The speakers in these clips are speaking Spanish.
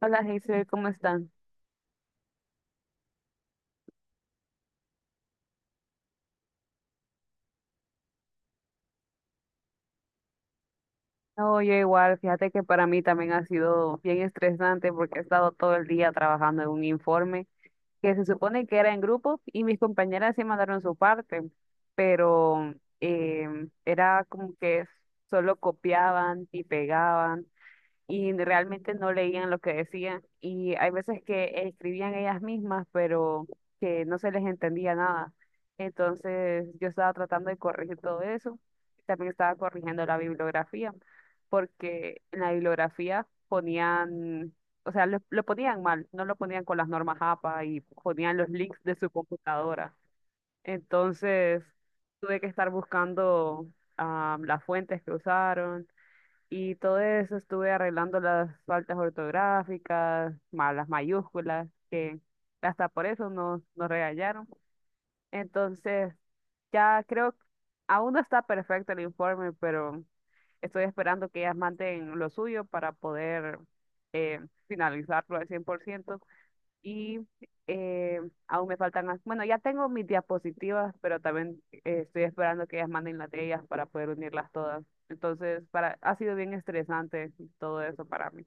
Hola, Giselle, ¿cómo están? Oye, igual, fíjate que para mí también ha sido bien estresante porque he estado todo el día trabajando en un informe que se supone que era en grupo y mis compañeras sí mandaron su parte, pero era como que solo copiaban y pegaban y realmente no leían lo que decían y hay veces que escribían ellas mismas, pero que no se les entendía nada. Entonces yo estaba tratando de corregir todo eso. También estaba corrigiendo la bibliografía, porque en la bibliografía ponían, o sea, lo ponían mal, no lo ponían con las normas APA y ponían los links de su computadora. Entonces tuve que estar buscando las fuentes que usaron y todo eso estuve arreglando las faltas ortográficas, malas mayúsculas, que hasta por eso nos regañaron. Entonces, ya creo, aún no está perfecto el informe, pero estoy esperando que ellas manden lo suyo para poder eh, finalizarlo al 100%. Y eh, aún me faltan, bueno, ya tengo mis diapositivas, pero también estoy esperando que ellas manden las de ellas para poder unirlas todas. Entonces, ha sido bien estresante todo eso para mí.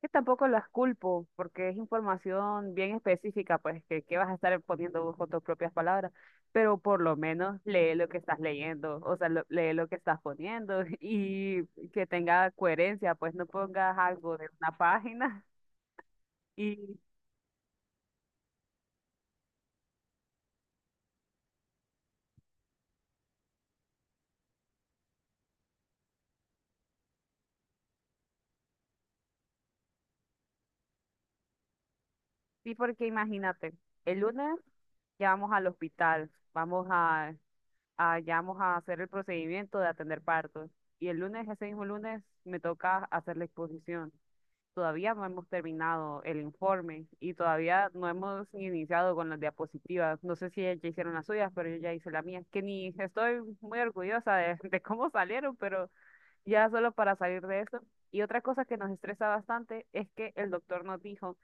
Que tampoco las culpo, porque es información bien específica, pues que vas a estar poniendo vos con tus propias palabras, pero por lo menos lee lo que estás leyendo, o sea, lee lo que estás poniendo y que tenga coherencia, pues no pongas algo de una página. y Sí, porque imagínate, el lunes ya vamos al hospital, ya vamos a hacer el procedimiento de atender partos. Y el lunes, ese mismo lunes, me toca hacer la exposición. Todavía no hemos terminado el informe y todavía no hemos iniciado con las diapositivas. No sé si ya hicieron las suyas, pero yo ya hice la mía, que ni estoy muy orgullosa de, de cómo salieron, pero ya solo para salir de eso. Y otra cosa que nos estresa bastante es que el doctor nos dijo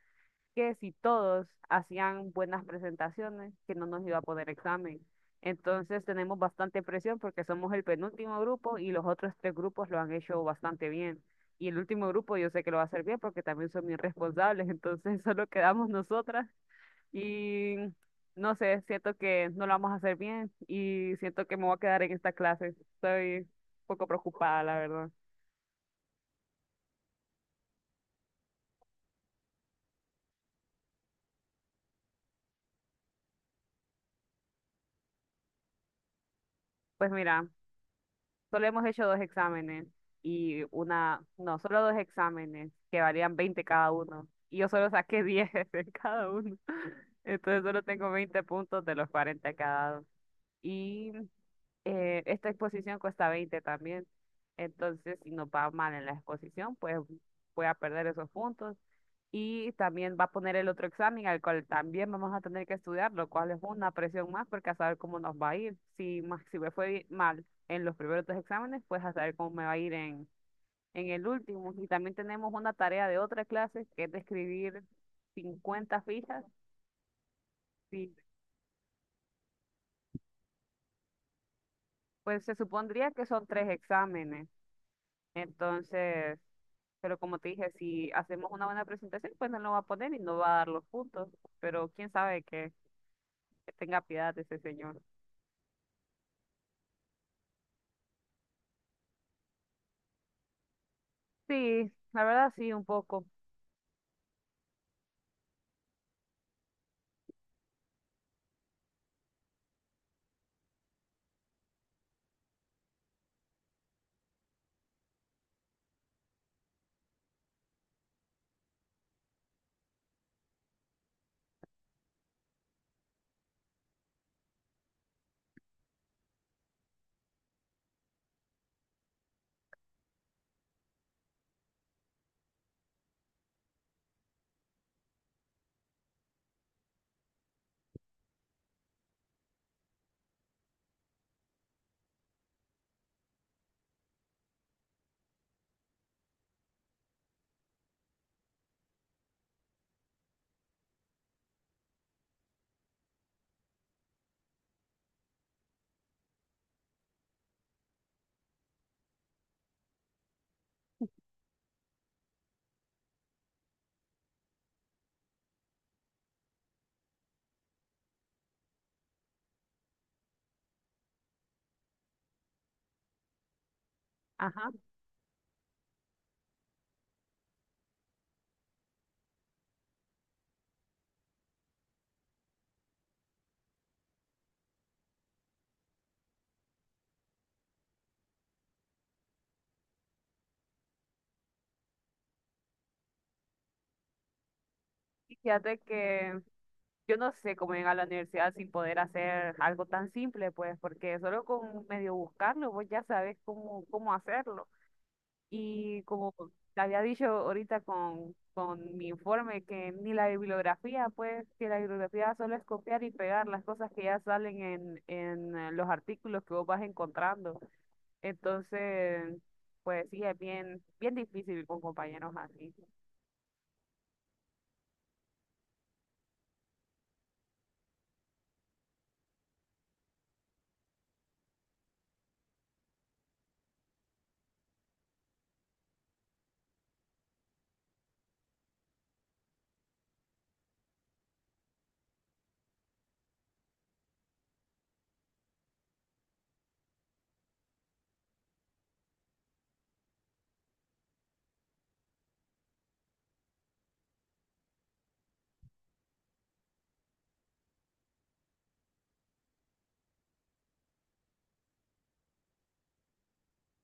que si todos hacían buenas presentaciones, que no nos iba a poner examen. Entonces tenemos bastante presión porque somos el penúltimo grupo y los otros tres grupos lo han hecho bastante bien. Y el último grupo yo sé que lo va a hacer bien porque también son bien responsables. Entonces solo quedamos nosotras y no sé, siento que no lo vamos a hacer bien y siento que me voy a quedar en esta clase. Estoy un poco preocupada, la verdad. Pues mira, solo hemos hecho dos exámenes y una, no, solo dos exámenes que valían 20 cada uno. Y yo solo saqué 10 en cada uno. Entonces solo tengo 20 puntos de los 40 cada. Y esta exposición cuesta 20 también. Entonces, si nos va mal en la exposición, pues voy a perder esos puntos. Y también va a poner el otro examen al cual también vamos a tener que estudiar, lo cual es una presión más porque a saber cómo nos va a ir. Si, si me fue mal en los primeros dos exámenes, pues a saber cómo me va a ir en el último. Y también tenemos una tarea de otra clase que es de escribir 50 fichas. Y pues se supondría que son tres exámenes. Entonces, pero como te dije, si hacemos una buena presentación, pues no lo va a poner y no va a dar los puntos. Pero quién sabe que tenga piedad de ese señor. Sí, la verdad sí, un poco. Ajá. Y fíjate que yo no sé cómo llegar a la universidad sin poder hacer algo tan simple, pues, porque solo con medio buscarlo, vos ya sabes cómo, cómo hacerlo. Y como te había dicho ahorita con mi informe, que ni la bibliografía, pues, que la bibliografía solo es copiar y pegar las cosas que ya salen en, en los artículos que vos vas encontrando. Entonces, pues sí, es bien, bien difícil con compañeros así.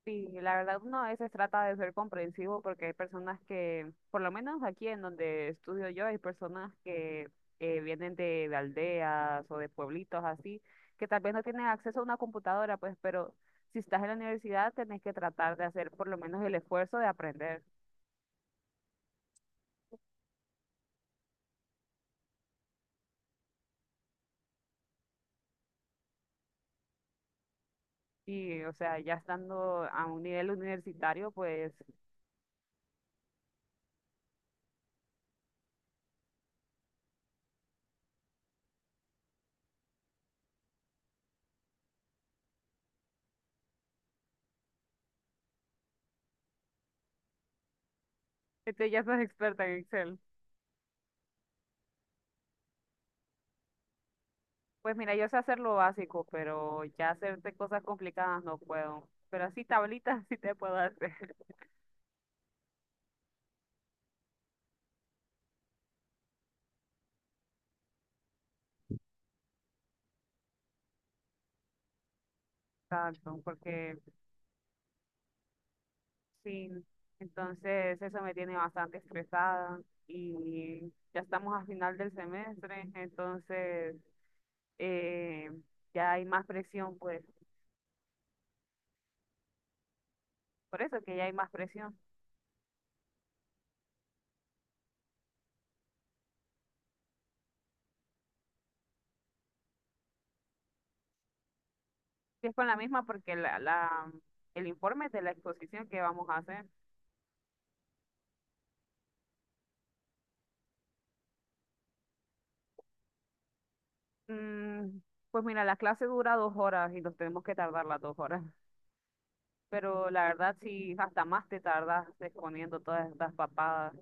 Sí, la verdad uno a veces trata de ser comprensivo porque hay personas que, por lo menos aquí en donde estudio yo, hay personas que vienen de aldeas o de pueblitos así, que tal vez no tienen acceso a una computadora, pues, pero si estás en la universidad tenés que tratar de hacer por lo menos el esfuerzo de aprender. Y, o sea, ya estando a un nivel universitario, pues, ya sos experta en Excel. Pues mira, yo sé hacer lo básico, pero ya hacerte cosas complicadas no puedo. Pero así tablitas sí te puedo hacer. Exacto, porque sí, entonces eso me tiene bastante estresada y ya estamos a final del semestre, entonces eh, ya hay más presión, pues, por eso que ya hay más presión. Y es con la misma porque el informe de la exposición que vamos a hacer, mm, pues mira, la clase dura 2 horas y nos tenemos que tardar las 2 horas, pero la verdad sí, hasta más te tardas exponiendo todas estas papadas.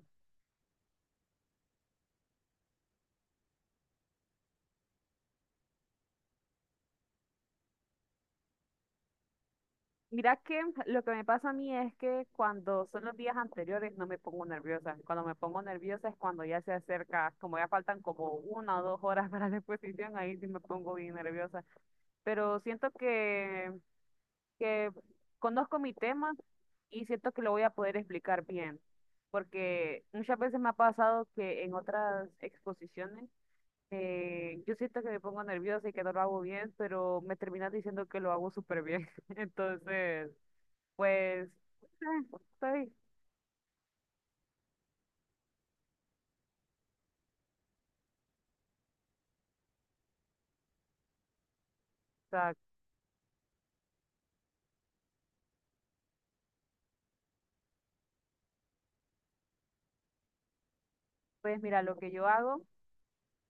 Mira que lo que me pasa a mí es que cuando son los días anteriores no me pongo nerviosa. Cuando me pongo nerviosa es cuando ya se acerca, como ya faltan como 1 o 2 horas para la exposición, ahí sí me pongo bien nerviosa. Pero siento que conozco mi tema y siento que lo voy a poder explicar bien. Porque muchas veces me ha pasado que en otras exposiciones yo siento que me pongo nerviosa y que no lo hago bien, pero me terminas diciendo que lo hago súper bien. Entonces... Pues, estoy, o sea, pues mira, lo que yo hago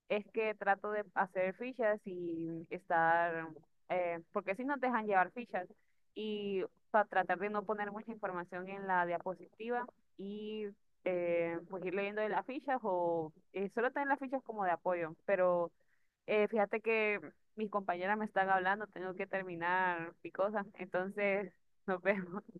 es que trato de hacer fichas y estar, porque si no te dejan llevar fichas, y para tratar de no poner mucha información en la diapositiva y pues ir leyendo de las fichas o solo tener las fichas como de apoyo, pero fíjate que mis compañeras me están hablando, tengo que terminar mi cosa, entonces nos vemos.